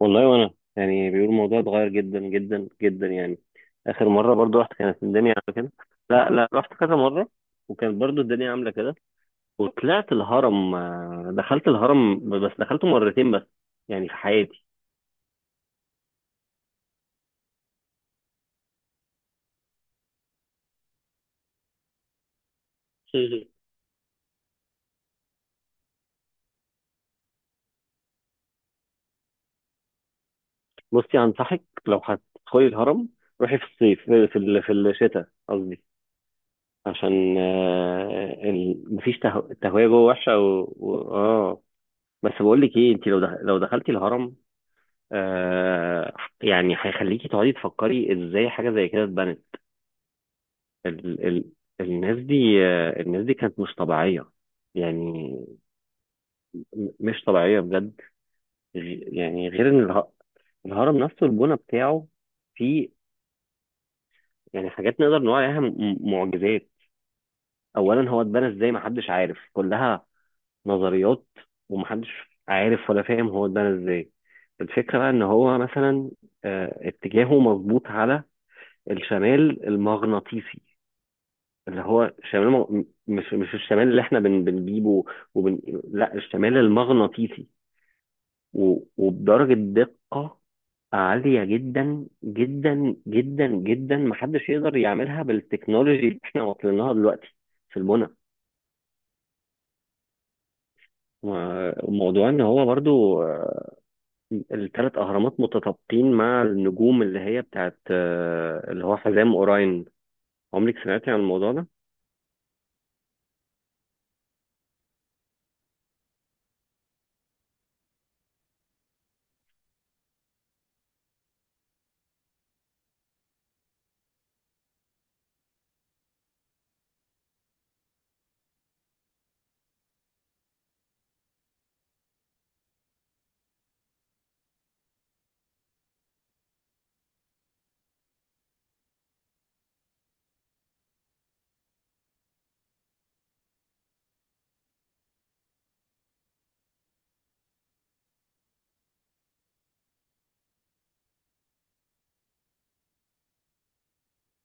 والله وانا، يعني بيقول الموضوع اتغير جدا جدا جدا يعني. اخر مره برضو رحت كانت الدنيا عامله كده. لا لا، رحت كذا مره وكانت برضو الدنيا عامله كده. وطلعت الهرم، دخلت الهرم، بس دخلته مرتين بس يعني في حياتي. بصي، انصحك لو هتدخلي الهرم، روحي في الصيف في الشتاء قصدي، عشان مفيش تهويه جوه وحشه و... و... اه بس بقول لك ايه، انت لو دخلتي الهرم آه يعني هيخليكي تقعدي تفكري ازاي حاجه زي كده اتبنت. ال ال الناس دي الناس دي كانت مش طبيعيه يعني، مش طبيعيه بجد. غ- يعني غير ان الهرم نفسه البنى بتاعه فيه يعني حاجات نقدر نقول عليها معجزات. اولا هو اتبنى ازاي محدش عارف، كلها نظريات، ومحدش عارف ولا فاهم هو اتبنى ازاي. الفكره بقى ان هو مثلا اتجاهه مظبوط على الشمال المغناطيسي، اللي هو مش الشمال اللي احنا بنجيبه وبن... لا، الشمال المغناطيسي. وبدرجة دقة عالية جدا جدا جدا جدا محدش يقدر يعملها بالتكنولوجي اللي احنا واصلين لها دلوقتي في البنى. وموضوع ان هو برضو الثلاث اهرامات متطابقين مع النجوم اللي هي بتاعت آه، اللي هو حزام اوراين. عمرك سمعتي عن الموضوع ده؟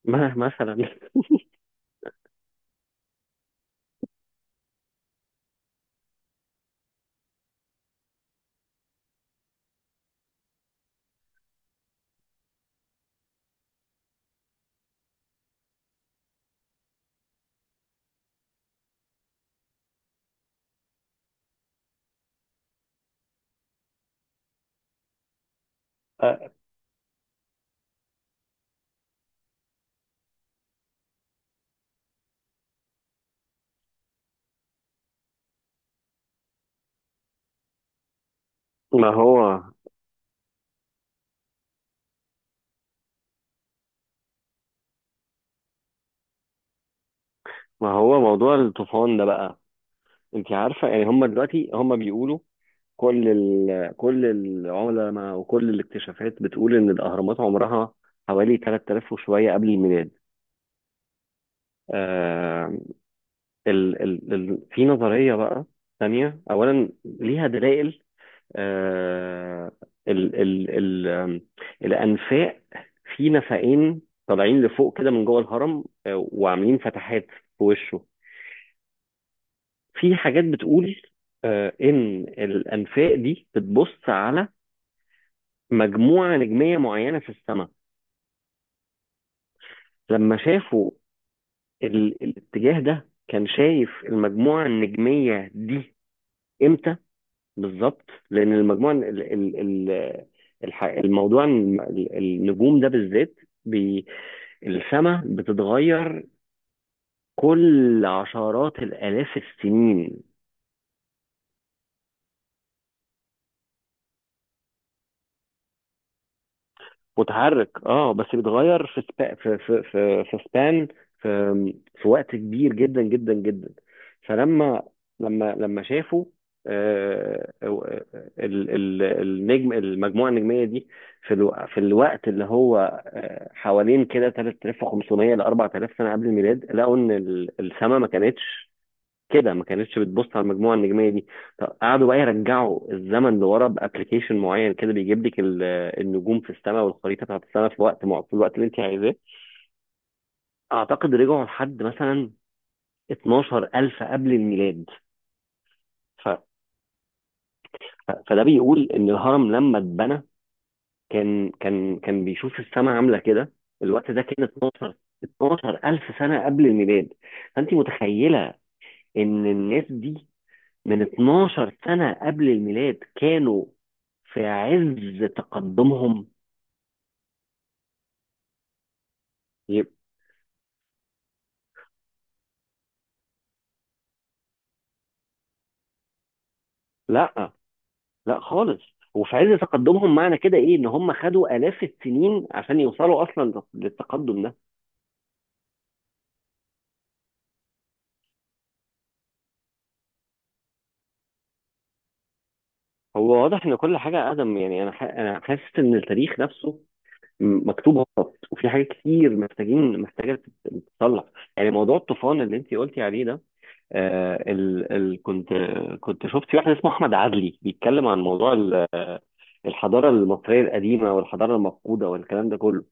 ما مثلا. ما هو ما هو موضوع الطوفان ده بقى. انت عارفه، يعني هم دلوقتي هم بيقولوا، كل العلماء وكل الاكتشافات بتقول ان الاهرامات عمرها حوالي 3000 وشويه قبل الميلاد. آه في نظريه بقى ثانيه، اولا ليها دلائل. آه ال... ال... ال... آم، الانفاق، في نفقين طالعين لفوق كده من جوه الهرم، وعاملين فتحات في وشه. في حاجات بتقول ان الانفاق دي بتبص على مجموعة نجمية معينة في السماء. لما شافوا الاتجاه ده، كان شايف المجموعة النجمية دي امتى بالظبط، لأن المجموعة ال... ال... ال... الح... الموضوع الم- ال- النجوم ده بالذات بي... السماء بتتغير كل عشرات الآلاف السنين. متحرك، اه، بس بيتغير في سبا في في في في سبان، في في وقت كبير جدا جدا جدا. فلما لما لما شافوا آه، آه، ال- ال- النجم المجموعه النجميه دي، في الوقت اللي هو حوالين كده 3500 ل 4000 سنه قبل الميلاد، لقوا ان السماء ما كانتش كده، ما كانتش بتبص على المجموعه النجميه دي. طب قعدوا بقى يرجعوا الزمن لورا بابلكيشن معين كده، بيجيب لك النجوم في السماء والخريطه بتاعت السماء في وقت مع في الوقت اللي انت عايزاه. اعتقد رجعوا لحد مثلا 12000 قبل الميلاد. ف... فده بيقول ان الهرم لما اتبنى كان بيشوف السماء عامله كده. الوقت ده كان 12 12000 سنه قبل الميلاد. فانت متخيله ان الناس دي من 12 سنة قبل الميلاد كانوا في عز تقدمهم. يب- لا لا، خالص. وفي عز تقدمهم، معنى كده ايه؟ ان هم خدوا آلاف السنين عشان يوصلوا اصلا للتقدم ده. هو واضح ان كل حاجة ادم، يعني انا حاسس ان التاريخ نفسه مكتوب غلط، وفي حاجات كتير محتاجة تتصلح. يعني موضوع الطوفان اللي انت قلتي عليه ده، آه ال ال كنت كنت شفت في واحد اسمه احمد عدلي بيتكلم عن موضوع الحضاره المصريه القديمه والحضاره المفقوده والكلام ده كله.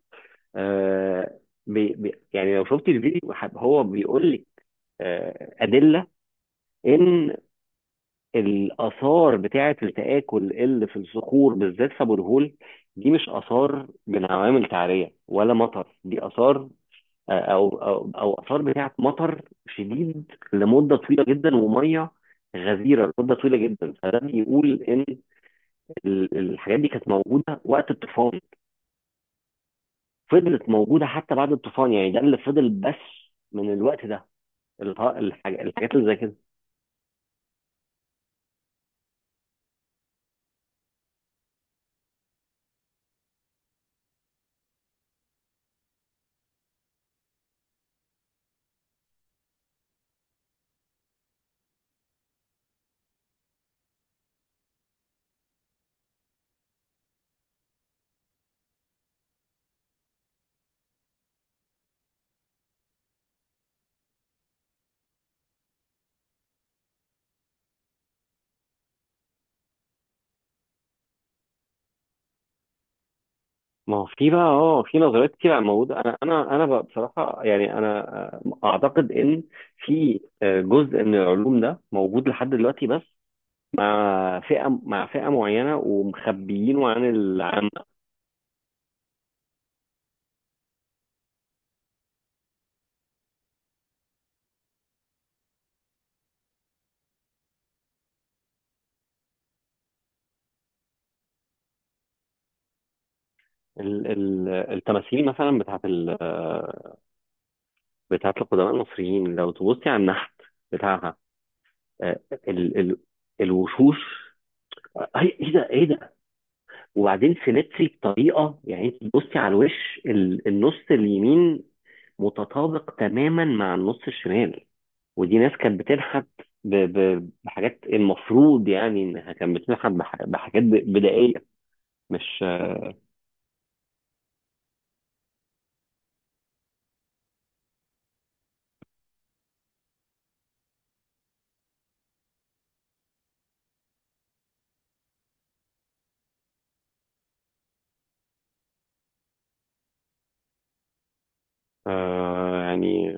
آه بي بي يعني لو شفت الفيديو هو بيقول لك ادله ان الاثار بتاعه التاكل اللي في الصخور بالذات في ابو الهول، دي مش اثار من عوامل تعريه ولا مطر، دي اثار او او او اثار بتاعه مطر شديد لمده طويله جدا وميه غزيره لمده طويله جدا. فده بيقول ان الحاجات دي كانت موجوده وقت الطوفان، فضلت موجوده حتى بعد الطوفان، يعني ده اللي فضل بس من الوقت ده، الحاجات اللي زي كده. ما هو في بقى، في نظريات كتير عن موجوده. انا بقى بصراحه، يعني انا اعتقد ان في جزء من العلوم ده موجود لحد دلوقتي، بس مع فئة، معينة، ومخبيينه عن التماثيل مثلا بتاعت بتاعت القدماء المصريين. لو تبصي على النحت بتاعها، آه، ال... ال... الوشوش، آه، ايه ده، ايه ده؟ وبعدين سيمتري بطريقة، يعني انت تبصي على الوش النص اليمين متطابق تماما مع النص الشمال. ودي ناس كانت بتنحت بحاجات، المفروض يعني انها كانت بتنحت بحاجات بدائية، مش. آه يعني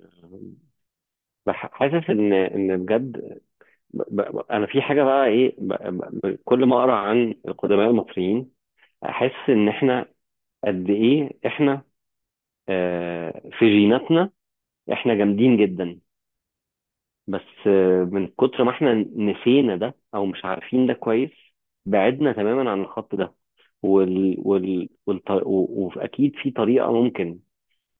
حاسس ان بجد، انا في حاجه بقى ايه، كل ما اقرا عن القدماء المصريين احس ان احنا قد ايه احنا في جيناتنا احنا جامدين جدا، بس من كتر ما احنا نسينا ده او مش عارفين ده كويس، بعدنا تماما عن الخط ده. واكيد في طريقه ممكن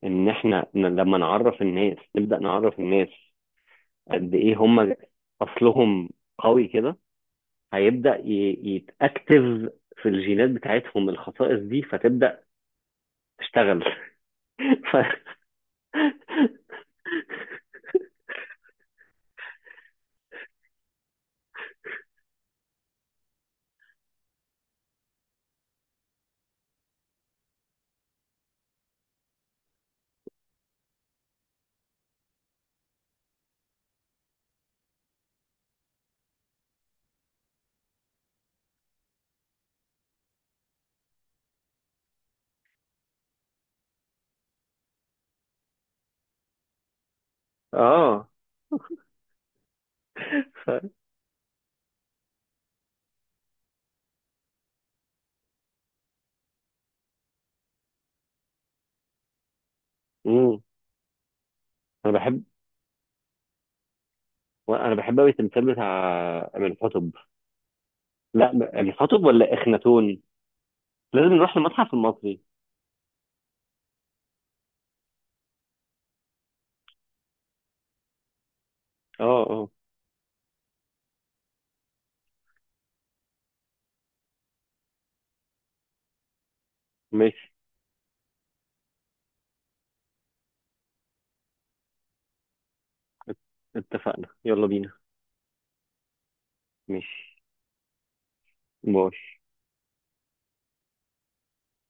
ان احنا لما نعرف الناس، نبدا نعرف الناس قد ايه هم اصلهم قوي كده، هيبدا يتاكتف في الجينات بتاعتهم الخصائص دي فتبدا تشتغل. ف... اه ف... مم. انا بحب، قوي التمثال بتاع امين حطب. لا، امين حطب ولا اخناتون؟ لازم نروح المتحف المصري. اه اه، ماشي. ات- اتفقنا، يلا بينا. ماشي، باي.